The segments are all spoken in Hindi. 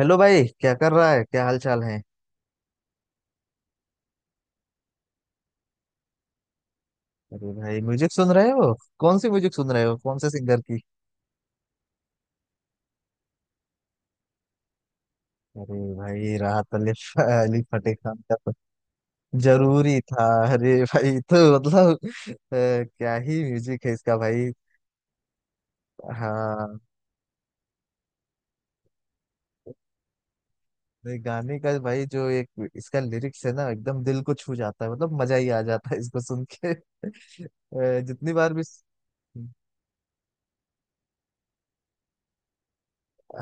हेलो भाई, क्या कर रहा है? क्या हाल चाल है? अरे भाई, म्यूजिक सुन रहे हो? कौन सी म्यूजिक सुन रहे हो? कौन से सिंगर की? अरे भाई, राहत अली, अली फतेह खान का तो जरूरी था। अरे भाई, तो मतलब क्या ही म्यूजिक है इसका भाई। हाँ, ये गाने का भाई, जो एक इसका लिरिक्स है ना, एकदम दिल को छू जाता है, मतलब मजा ही आ जाता है इसको सुन के जितनी बार भी।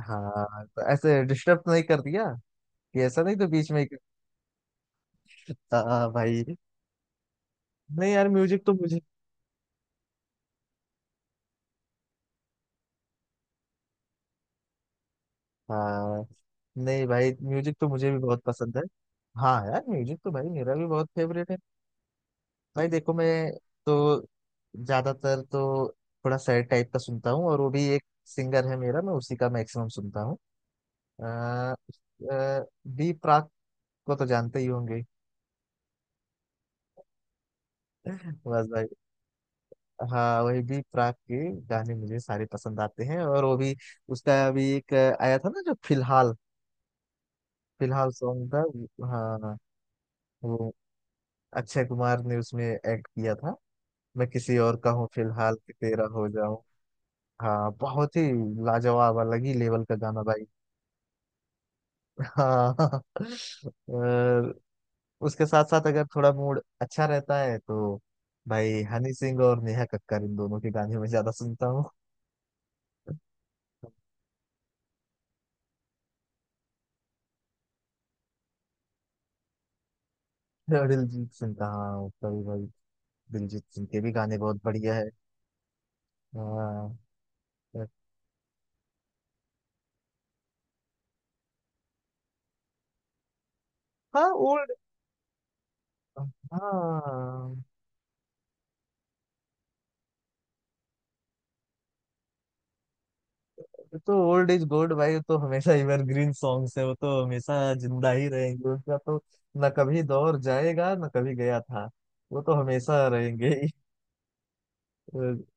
हाँ, तो ऐसे डिस्टर्ब नहीं कर दिया कि ऐसा नहीं तो बीच में हाँ भाई। नहीं यार, म्यूजिक तो मुझे। हाँ। नहीं भाई, म्यूजिक तो मुझे भी बहुत पसंद है। हाँ यार, म्यूजिक तो भाई मेरा भी बहुत फेवरेट है। भाई देखो, मैं तो ज्यादातर तो थोड़ा सैड टाइप का सुनता हूँ, और वो भी एक सिंगर है मेरा, मैं उसी का मैक्सिमम सुनता हूँ। अ, अ, बी प्राक को तो जानते ही होंगे। बस भाई। हाँ, वही बी प्राक के गाने मुझे सारे पसंद आते हैं, और वो भी उसका अभी एक आया था ना, जो फिलहाल फिलहाल सॉन्ग था। हाँ हाँ, वो अक्षय कुमार ने उसमें एक्ट किया था, मैं किसी और का हूँ फिलहाल कि तेरा हो जाऊं। हाँ बहुत ही लाजवाब, अलग ही लेवल का गाना भाई। हाँ। और उसके साथ साथ अगर थोड़ा मूड अच्छा रहता है तो भाई, हनी सिंह और नेहा कक्कड़, इन दोनों के गाने मैं ज्यादा सुनता हूँ। और दिलजीत सिंह का, हाँ उसका भी भाई, दिलजीत सिंह के भी गाने बहुत बढ़िया है। हाँ। हाँ ओल्ड। हाँ, ये तो ओल्ड इज गोल्ड भाई, वो तो हमेशा एवरग्रीन सॉन्ग्स है, वो तो हमेशा जिंदा ही रहेंगे उनका तो, न कभी दौर जाएगा न कभी गया था, वो तो हमेशा रहेंगे।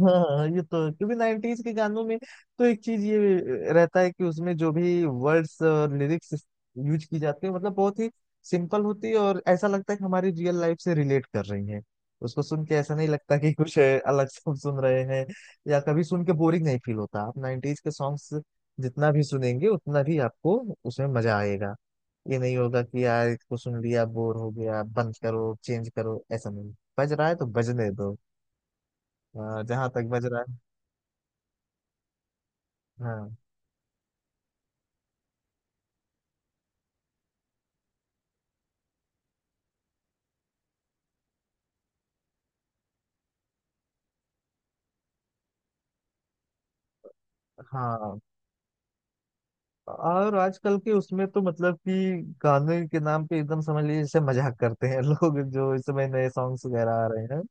हाँ, ये तो है। क्योंकि 90s के गानों में तो एक चीज ये रहता है कि उसमें जो भी वर्ड्स और लिरिक्स यूज की जाती है, मतलब बहुत ही सिंपल होती है, और ऐसा लगता है कि हमारी रियल लाइफ से रिलेट कर रही है। उसको सुन के ऐसा नहीं लगता कि कुछ है, अलग से हम सुन रहे हैं, या कभी सुन के बोरिंग नहीं फील होता। आप 90s के सॉन्ग्स जितना भी सुनेंगे उतना भी आपको उसमें मजा आएगा। ये नहीं होगा कि यार इसको सुन लिया बोर हो गया बंद करो चेंज करो, ऐसा नहीं। बज रहा है तो बजने दो, जहां तक बज रहा है। हाँ। हाँ, और आजकल के उसमें तो मतलब कि गाने के नाम पे एकदम समझ लीजिए जैसे मजाक करते हैं लोग, जो इस समय नए सॉन्ग्स वगैरह आ रहे हैं।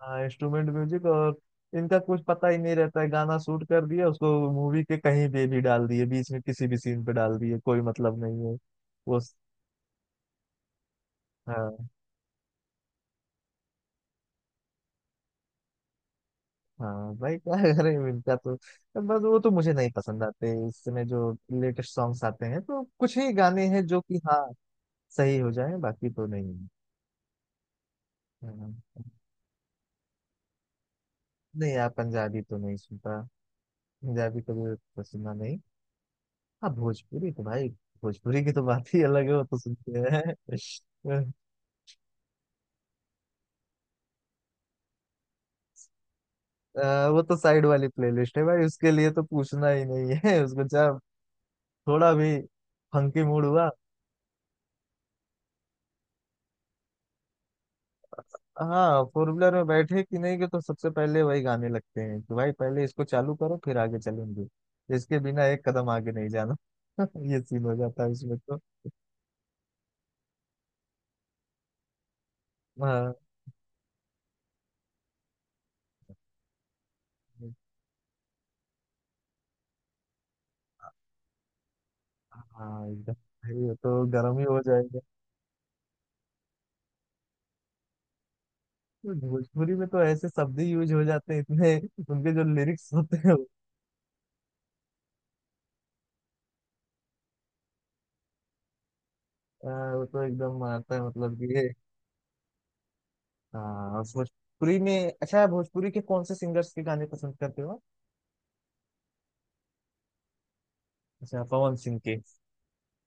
हाँ, इंस्ट्रूमेंट म्यूजिक, और इनका कुछ पता ही नहीं रहता है। गाना शूट कर दिया, उसको मूवी के कहीं पे भी डाल दिए, बीच में किसी भी सीन पे डाल दिए, कोई मतलब नहीं है वो। हाँ। हाँ भाई, क्या करें, इनका तो बस। वो तो मुझे नहीं पसंद आते, इस समय जो लेटेस्ट सॉन्ग्स आते हैं, तो कुछ ही गाने हैं जो कि हाँ सही हो जाए, बाकी तो नहीं। हम्म। नहीं यार, पंजाबी तो नहीं सुनता। पंजाबी कभी तो सुना नहीं। हाँ भोजपुरी तो भाई, भोजपुरी की तो बात ही अलग है, वो तो सुनते हैं। वो तो साइड वाली प्लेलिस्ट है भाई, उसके लिए तो पूछना ही नहीं है। उसको जब थोड़ा भी फंकी मूड हुआ। हाँ, फोर व्हीलर में बैठे कि नहीं कि तो सबसे पहले वही गाने लगते हैं, कि भाई पहले इसको चालू करो फिर आगे चलेंगे, इसके बिना एक कदम आगे नहीं जाना। ये सीन हो जाता है उसमें तो। हाँ। हाँ एकदम भाई, वो तो गर्म ही हो जाएगा। भोजपुरी में तो ऐसे शब्द ही यूज हो जाते हैं इतने, उनके जो लिरिक्स होते हैं वो वो तो एकदम मारता है, मतलब कि ये। हाँ, और भोजपुरी में, अच्छा, भोजपुरी के कौन से सिंगर्स के गाने पसंद करते हो आप? अच्छा पवन सिंह के।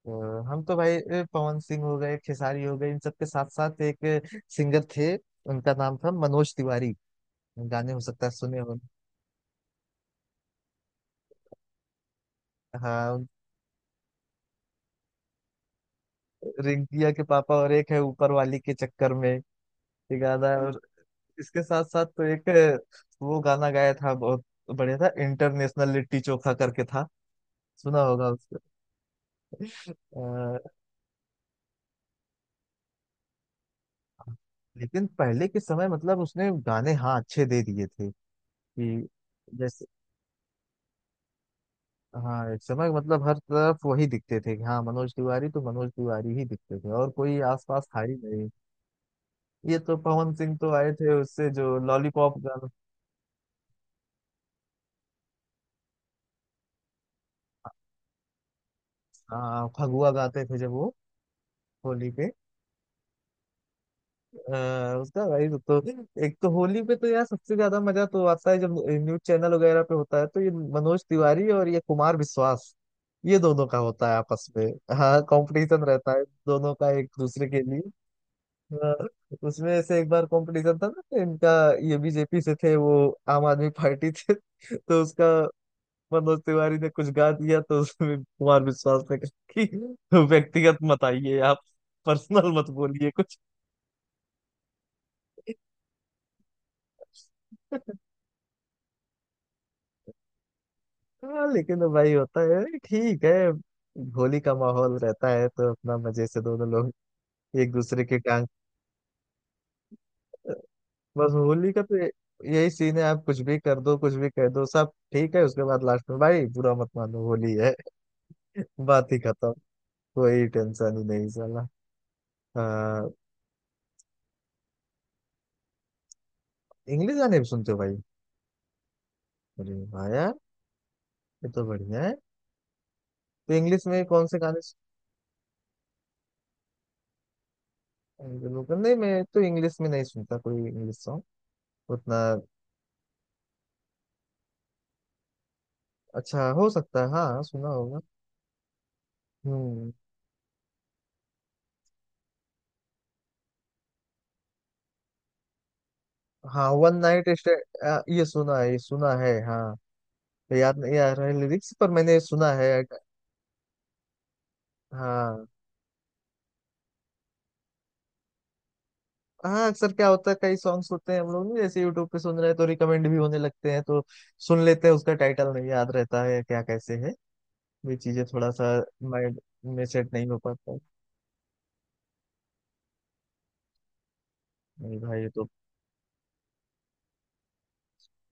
तो हम तो भाई पवन सिंह हो गए, खेसारी हो गए, इन सब के साथ साथ एक सिंगर थे, उनका नाम था मनोज तिवारी। गाने हो सकता है सुने हो। हाँ, रिंकिया के पापा और एक है ऊपर वाली के चक्कर में, एक गाना। इसके साथ साथ तो एक वो गाना गाया था, बहुत बढ़िया था, इंटरनेशनल लिट्टी चोखा करके था, सुना होगा उसको। अ, लेकिन पहले के समय मतलब उसने गाने हाँ अच्छे दे दिए थे, कि जैसे हाँ, एक समय मतलब हर तरफ वही दिखते थे, कि हाँ मनोज तिवारी तो मनोज तिवारी ही दिखते थे, और कोई आसपास था ही नहीं। ये तो पवन सिंह तो आए थे उससे, जो लॉलीपॉप गाना। हाँ, फगुआ गाते थे जब वो होली पे। उसका भाई वो तो, एक तो होली पे तो यार सबसे ज्यादा मजा तो आता है जब न्यूज चैनल वगैरह पे होता है, तो ये मनोज तिवारी और ये कुमार विश्वास, ये दोनों का होता है आपस में। हाँ, कंपटीशन रहता है दोनों का एक दूसरे के लिए। हाँ, उसमें से एक बार कंपटीशन था ना तो इनका, ये बीजेपी से थे, वो आम आदमी पार्टी थे, तो उसका मनोज तिवारी ने कुछ गा दिया तो उसमें कुमार विश्वास ने कहा कि व्यक्तिगत मत आइए आप, पर्सनल मत बोलिए कुछ। हाँ, लेकिन तो भाई होता है, ठीक है, होली का माहौल रहता है, तो अपना मजे से दोनों लोग एक दूसरे की टांग। बस होली का तो यही सीन है, आप कुछ भी कर दो कुछ भी कह दो सब ठीक है, उसके बाद लास्ट में भाई बुरा मत मानो होली है। बात ही खत्म, कोई टेंशन ही नहीं साला। हाँ, इंग्लिश गाने भी सुनते हो भाई? अरे वाह यार, ये तो बढ़िया है। तो इंग्लिश में कौन से गाने? नहीं मैं तो इंग्लिश में नहीं सुनता कोई इंग्लिश सॉन्ग उतना। अच्छा, हो सकता है हाँ सुना होगा। हम्म। हाँ, वन नाइट स्टैंड ये सुना है, ये सुना है हाँ। तो याद नहीं आ रहा है लिरिक्स पर, मैंने ये सुना है। हाँ। हाँ, अक्सर क्या होता है कई सॉन्ग्स होते हैं, हम लोग ना, जैसे यूट्यूब पे सुन रहे हैं तो रिकमेंड भी होने लगते हैं, तो सुन लेते हैं, उसका टाइटल नहीं याद रहता है क्या कैसे है, ये चीजें थोड़ा सा माइंड में सेट नहीं हो पाता है। नहीं भाई, ये तो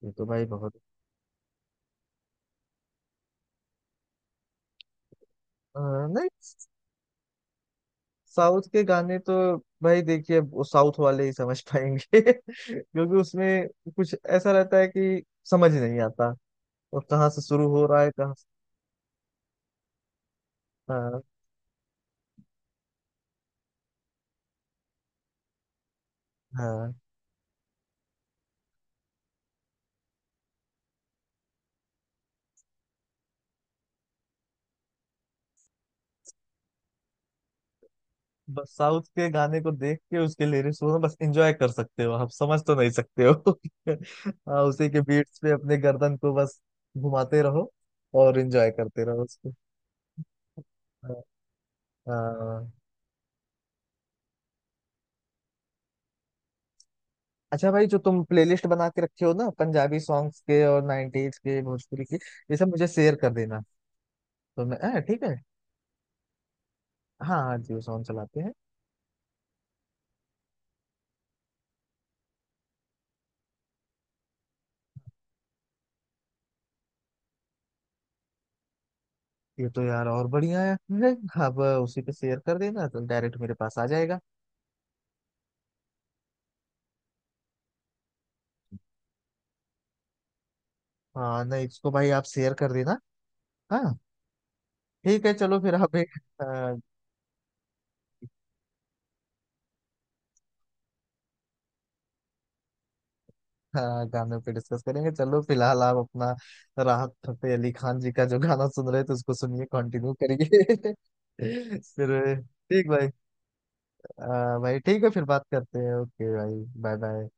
ये तो भाई बहुत अ, नहीं। साउथ के गाने तो भाई देखिए, वो साउथ वाले ही समझ पाएंगे। क्योंकि उसमें कुछ ऐसा रहता है कि समझ नहीं आता, और कहाँ से शुरू हो रहा है कहाँ से। हाँ। हाँ, बस साउथ के गाने को देख के उसके लिरिक्स को ना बस एंजॉय कर सकते हो, आप समझ तो नहीं सकते हो। हाँ, उसी के बीट्स पे अपने गर्दन को बस घुमाते रहो और एंजॉय करते रहो उसको। हाँ। हाँ। अच्छा भाई, जो तुम प्लेलिस्ट बना के रखे हो ना, पंजाबी सॉन्ग्स के और 90s के, भोजपुरी के, ये सब मुझे शेयर कर देना, तो मैं हाँ, ठीक है। हाँ। हाँ, जियो साउंड चलाते हैं। ये तो यार और बढ़िया है। हाँ, अब उसी पे शेयर कर देना तो डायरेक्ट मेरे पास आ जाएगा। हाँ, नहीं इसको भाई आप शेयर कर देना। हाँ ठीक है, चलो फिर आप एक अ, अ, गाने पे डिस्कस करेंगे। चलो फिलहाल आप अपना राहत फतेह अली खान जी का जो गाना सुन रहे थे उसको सुनिए, कंटिन्यू करिए। फिर ठीक भाई। भाई ठीक है, फिर बात करते हैं, ओके भाई, बाय बाय।